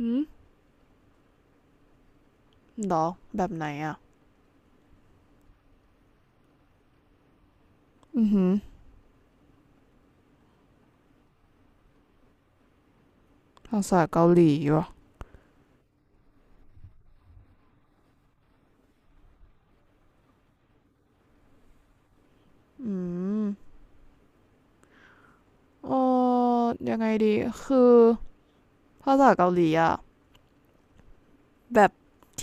หืมหรอแบบไหนอ่ะ อือหือภาษาเกาหลีวะอืมเออยังไงดี คือ ภาษาเกาหลีอ่ะ แบบ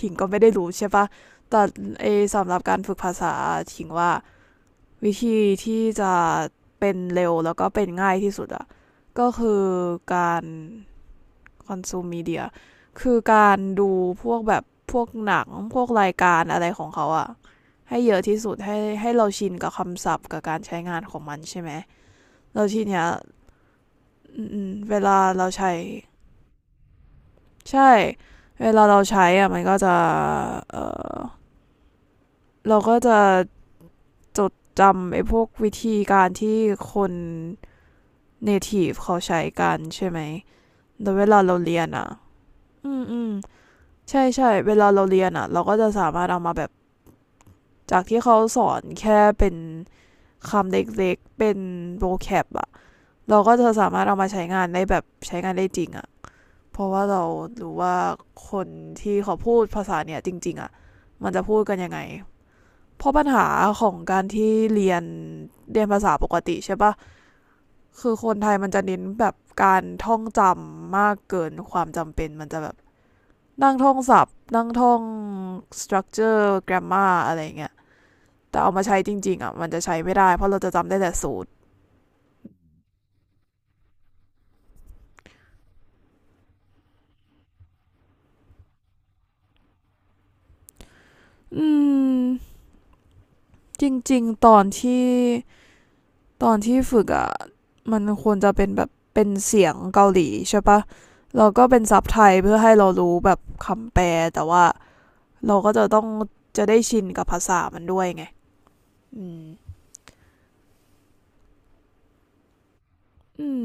ถิงก็ไม่ได้รู้ใช่ปะแต่ไอสำหรับการฝึกภาษา ถิงว่า วิธีที่จะเป็นเร็วแล้วก็เป็นง่ายที่สุดอ่ะ ก็คือการ คอนซูมมีเดียคือการดูพวกแบบพวกหนังพวกรายการอะไรของเขาอะให้เยอะที่สุดให้เราชินกับคำศัพท์กับการใช้งานของมันใช่ไหมเราทีเนี้ยเวลาเราใช้ ใช่ เวลาเราใช้อะมันก็จะ เออ เราก็จะจดจำไอ้พวกวิธีการที่คน n a t i v เขาใช้กันใช่ไหมแต่เวลาเราเรียนอะอืมใช่เวลาเราเรียนอะเราก็จะสามารถเอามาแบบ จากที่เขาสอนแค่เป็นคำเล็กๆเป็นโบแคปอะ เราก็จะสามารถเอามาใช้งานได้แบบใช้งานได้จริงอะเพราะว่าเรารู้ว่าคนที่เขาพูดภาษาเนี่ยจริงๆอะมันจะพูดกันยังไงเพราะปัญหาของการที่เรียนภาษาปกติใช่ปะคือคนไทยมันจะเน้นแบบการท่องจำมากเกินความจำเป็นมันจะแบบนั่งท่องศัพท์นั่งท่อง structure grammar อะไรอย่างเงี้ย แต่เอามาใช้จริงๆอ่ะมันจะใช้ไม่ได้เพราะเราจะจำได้แต่สูตรอืมจริงๆตอนที่ฝึกอ่ะมันควรจะเป็นแบบเป็นเสียงเกาหลีใช่ปะแล้วก็เป็นซับไทยเพื่อให้เรารู้แบบคำแปลแต่ว่าเราก็จะต้องจะได้ชินกับภาษามันด้วยไงอืมอืม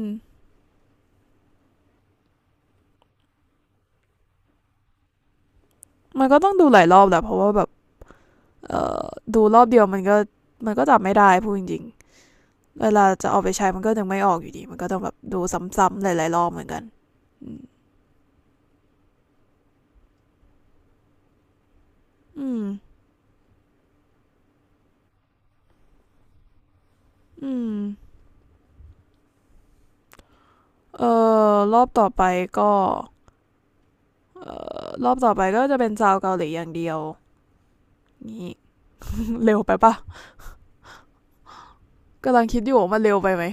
มันก็ต้องดูหลายรอบแหละเพราะว่าแบบเอ่อดูรอบเดียวมันก็จำไม่ได้พูดจริง เวลาจะเอาไปใช้มันก็ยังไม่ออกอยู่ดีมันก็ต้องแบบดูซ้ำๆหลายๆรอบเหมือนกันอืมอืมเออรอบต่อไปก็รอบต่อไปก็จะเป็นซาวเกาหลีอย่างเดียวนี่ เร็วไปปะกำลังคิดอยู่ว่ามันเร็วไปไหม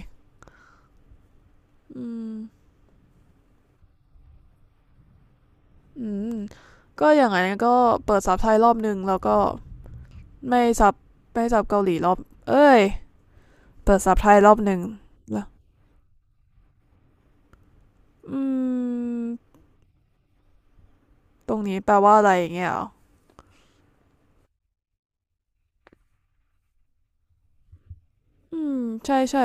อืมอืมก็อย่างไรก็เปิดซับไทยรอบหนึ่งแล้วก็ไม่ซับไม่ซับเกาหลีรอบเอ้ยเปิดซับไทยรอบหนึ่งแล้วอืมตรงนี้แปลว่าอะไรอย่างเงี้ยอหรออืมใช่ใช่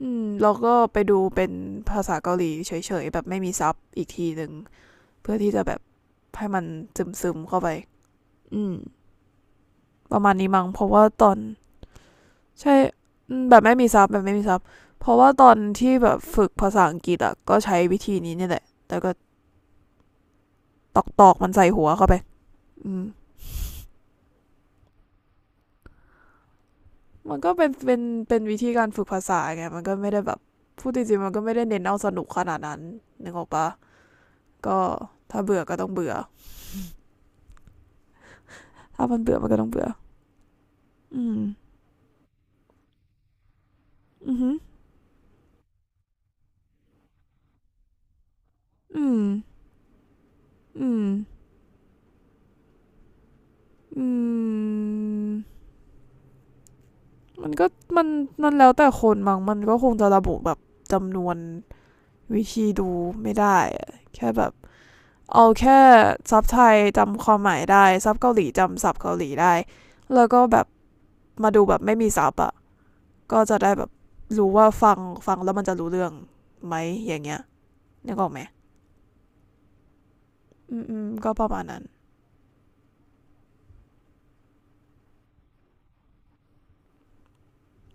อืมแล้วก็ไปดูเป็นภาษาเกาหลีเฉยๆแบบไม่มีซับอีกทีหนึ่งเพื่อที่จะแบบให้มันซึมๆเข้าไปอืมประมาณนี้มั้งเพราะว่าตอนใช่แบบไม่มีซับแบบไม่มีซับเพราะว่าตอนที่แบบฝึกภาษาอังกฤษอ่ะก็ใช้วิธีนี้เนี่ยแหละแต่ก็ตอกๆมันใส่หัวเข้าไปอืมมันก็เป็นเป็นวิธีการฝึกภาษาไงมันก็ไม่ได้แบบพูดจริงๆมันก็ไม่ได้เน้นเอาสนุกขนาดนั้นนึกออกปะก็ถ้าเบื่อก็ต้องเบื่อถ้ามันเบื่อมันก็ต้องเบื่อ อืมอือหืออืมอืมอืมมันก็มันมันแล้วแต่คนบางมันก็คงจะระบุแบบจำนวนวิธีดูไม่ได้อะแค่แบบเอาแค่ซับไทยจำความหมายได้ซับเกาหลีจำศัพท์เกาหลีได้แล้วก็แบบมาดูแบบไม่มีซับอะก็จะได้แบบรู้ว่าฟังแล้วมันจะรู้เรื่องไหมอย่างเงี้ยนึกออกไหมอืมก็ประมาณนั้น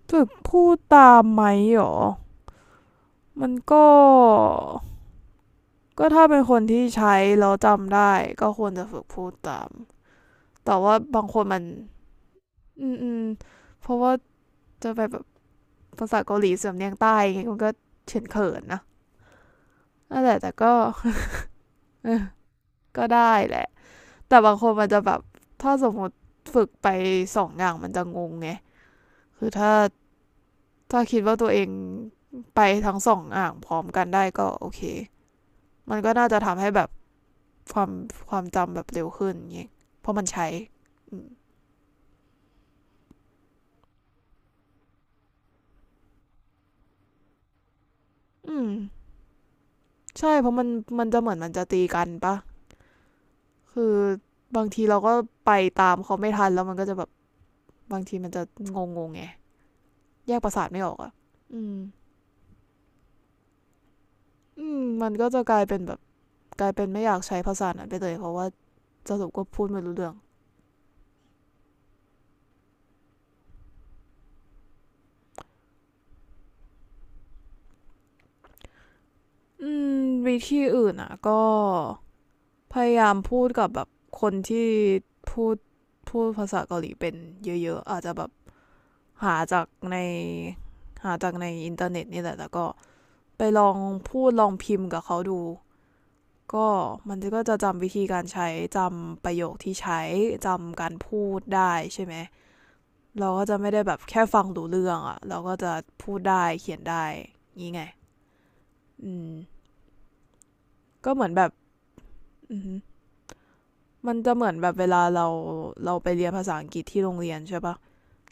ฝึกพูดตามไหมหรอมันก็ ก็ถ้าเป็นคนที่ใช้แล้วจำได้ก็ควรจะฝึกพูดตามแต่ว่าบางคนมัน อืมเพราะว่าจะไปแบบภาษาเกาหลีสำเนียงใต้ไงมันก็เฉินเขินนะนั่นแหละแต่ก็ ก็ได้แหละ แต่บางคนมันจะแบบ ถ้าสมมติฝึกไปสองอย่างมันจะงงไง คือถ้าคิดว่าตัวเองไปทั้งสองอย่างพร้อมกันได้ก็โอเคมันก็น่าจะทำให้แบบความจำแบบเร็วขึ้นไงเพราะมันใช้อือืม ใช่เพราะมันจะเหมือนมันจะตีกันปะคือบางทีเราก็ไปตามเขาไม่ทันแล้วมันก็จะแบบบางทีมันจะงงงๆไงแยกประสาทไม่ออกอ่ะอืมมันก็จะกลายเป็นแบบกลายเป็นไม่อยากใช้ภาษานั้นไปเลยเพราะว่าสรุปก็พูดไม่รู้เรื่องอืมวิธีอื่นอ่ะก็พยายามพูดกับแบบคนที่พูดภาษาเกาหลีเป็นเยอะๆอาจจะแบบหาจากในอินเทอร์เน็ตนี่แหละแล้วก็ไปลองพูดลองพิมพ์กับเขาดู ก็มันก็จะจำวิธีการใช้จำประโยคที่ใช้จำการพูดได้ใช่ไหมเราก็จะไม่ได้แบบแค่ฟังรู้เรื่องอะเราก็จะพูดได้เขียนได้งี้ไงอืมก็เหมือนแบบ มันจะเหมือนแบบเวลาเราเราไปเรียนภาษาอังกฤษที่โรงเรียนใช่ปะ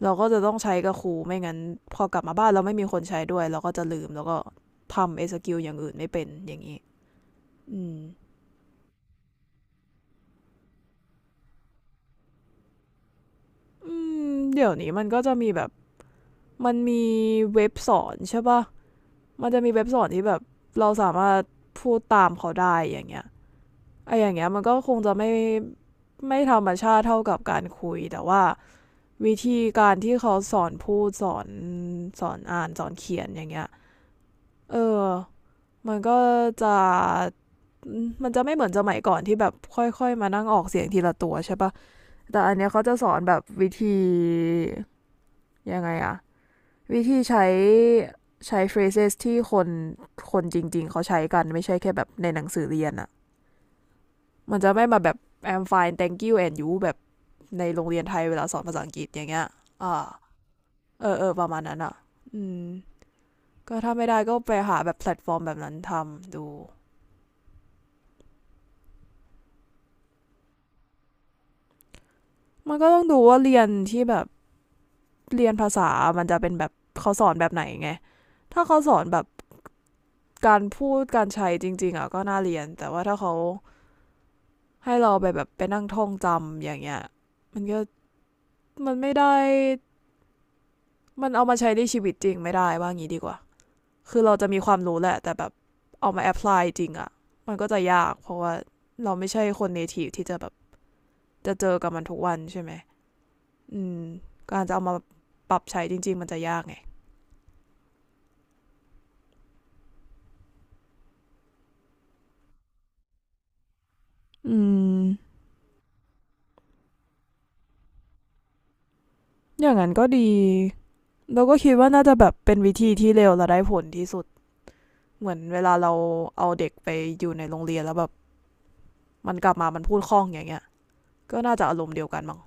เราก็จะต้องใช้กับครูไม่งั้นพอกลับมาบ้านเราไม่มีคนใช้ด้วยเราก็จะลืมแล้วก็ทำเอสกิลอย่างอื่นไม่เป็นอย่างนี้อือืมเดี๋ยวนี้มันก็จะมีแบบมันมีเว็บสอนใช่ปะ มันจะมีเว็บสอนที่แบบเราสามารถพูดตามเขาได้อย่างเงี้ยไออย่างเงี้ยมันก็คงจะไม่ธรรมชาติเท่ากับการคุยแต่ว่าวิธีการที่เขาสอนพูดสอนสอนอ่านสอนเขียนอย่างเงี้ยเออมันก็จะมันจะไม่เหมือนสมัยก่อนที่แบบค่อยๆมานั่งออกเสียงทีละตัวใช่ปะแต่อันเนี้ยเขาจะสอนแบบวิธียังไงอะ วิธีใช้ใช้ phrases ที่คนคนจริงๆเขาใช้กันไม่ใช่แค่แบบในหนังสือเรียนอะมันจะไม่มาแบบ I'm fine thank you and you แบบในโรงเรียนไทยเวลาสอนภาษาอังกฤษอย่างเงี้ย อ่าเออเออประมาณนั้นอะอืม ก็ถ้าไม่ได้ก็ไปหาแบบแพลตฟอร์มแบบนั้นทำดู มันก็ต้องดูว่าเรียนที่แบบเรียนภาษา มันจะเป็นแบบเขาสอนแบบไหนไงถ้าเขาสอนแบบการพูดการใช้จริงๆอะก็น่าเรียนแต่ว่าถ้าเขา ให้เราไปแบบไปนั่งท่องจำอย่างเงี้ยมันก็มันไม่ได้มันเอามาใช้ในชีวิตจริงไม่ได้ว่างี้ดีกว่าคือเราจะมีความรู้แหละแต่แบบเอามาแอพพลายจริงอะมันก็จะยากเพราะว่าเราไม่ใช่คนเนทีฟที่จะแบบจะเจอกับมันทุกวันใช่ไหมอืมการจะเอามาปรับใช้จริงๆมันจะยากไงอืมอย่างนั้นก็ดีเราก็คิดว่าน่าจะแบบเป็นวิธีที่เร็วและได้ผลที่สุดเหมือนเวลาเราเอาเด็กไปอยู่ในโรงเรียนแล้วแบบมันกลับมามันพูดคล่องอย่างเงี้ย ก็น่าจะอารมณ์เดียวกันมั้ง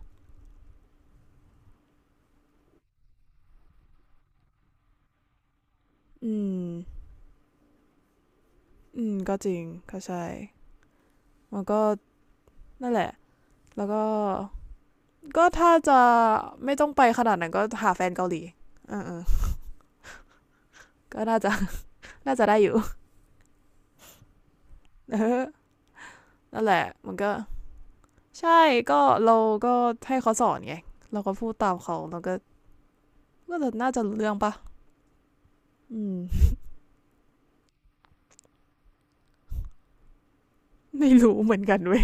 อืม อืม ก็จริงก็ใช่ มันก็นั่นแหละ แล้วก็ ก็ถ้าจะไม่ต้องไปขนาดนั้นก็หาแฟนเกาหลีเออเอก็น่าจะ น่าจะได้อยู่ เออนั่นแหละ มันก็ ใช่ ก็เราก็ให้เขาสอนไง เราก็พูดตามเขาเราก็ก็จะน่าจะรู้เรื่องปะอืมไม่รู้เหมือนกันเว้ย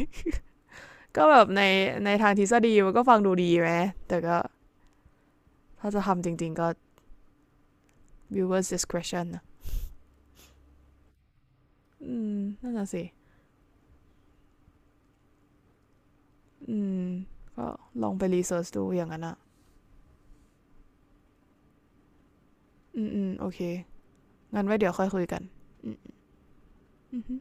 ก็แบบในในทางทฤษฎีมันก็ฟังดูดีไหมแต่ก็ถ้าจะทำจริงๆก็ viewers discretion นะอืมนั่นน่ะสิ อืมก็ลองไปรีเสิร์ชดูอย่างนั้นอ่ะอืมอืมโอเคงั้นไว้เดี๋ยวค่อยคุยกันอืมอืม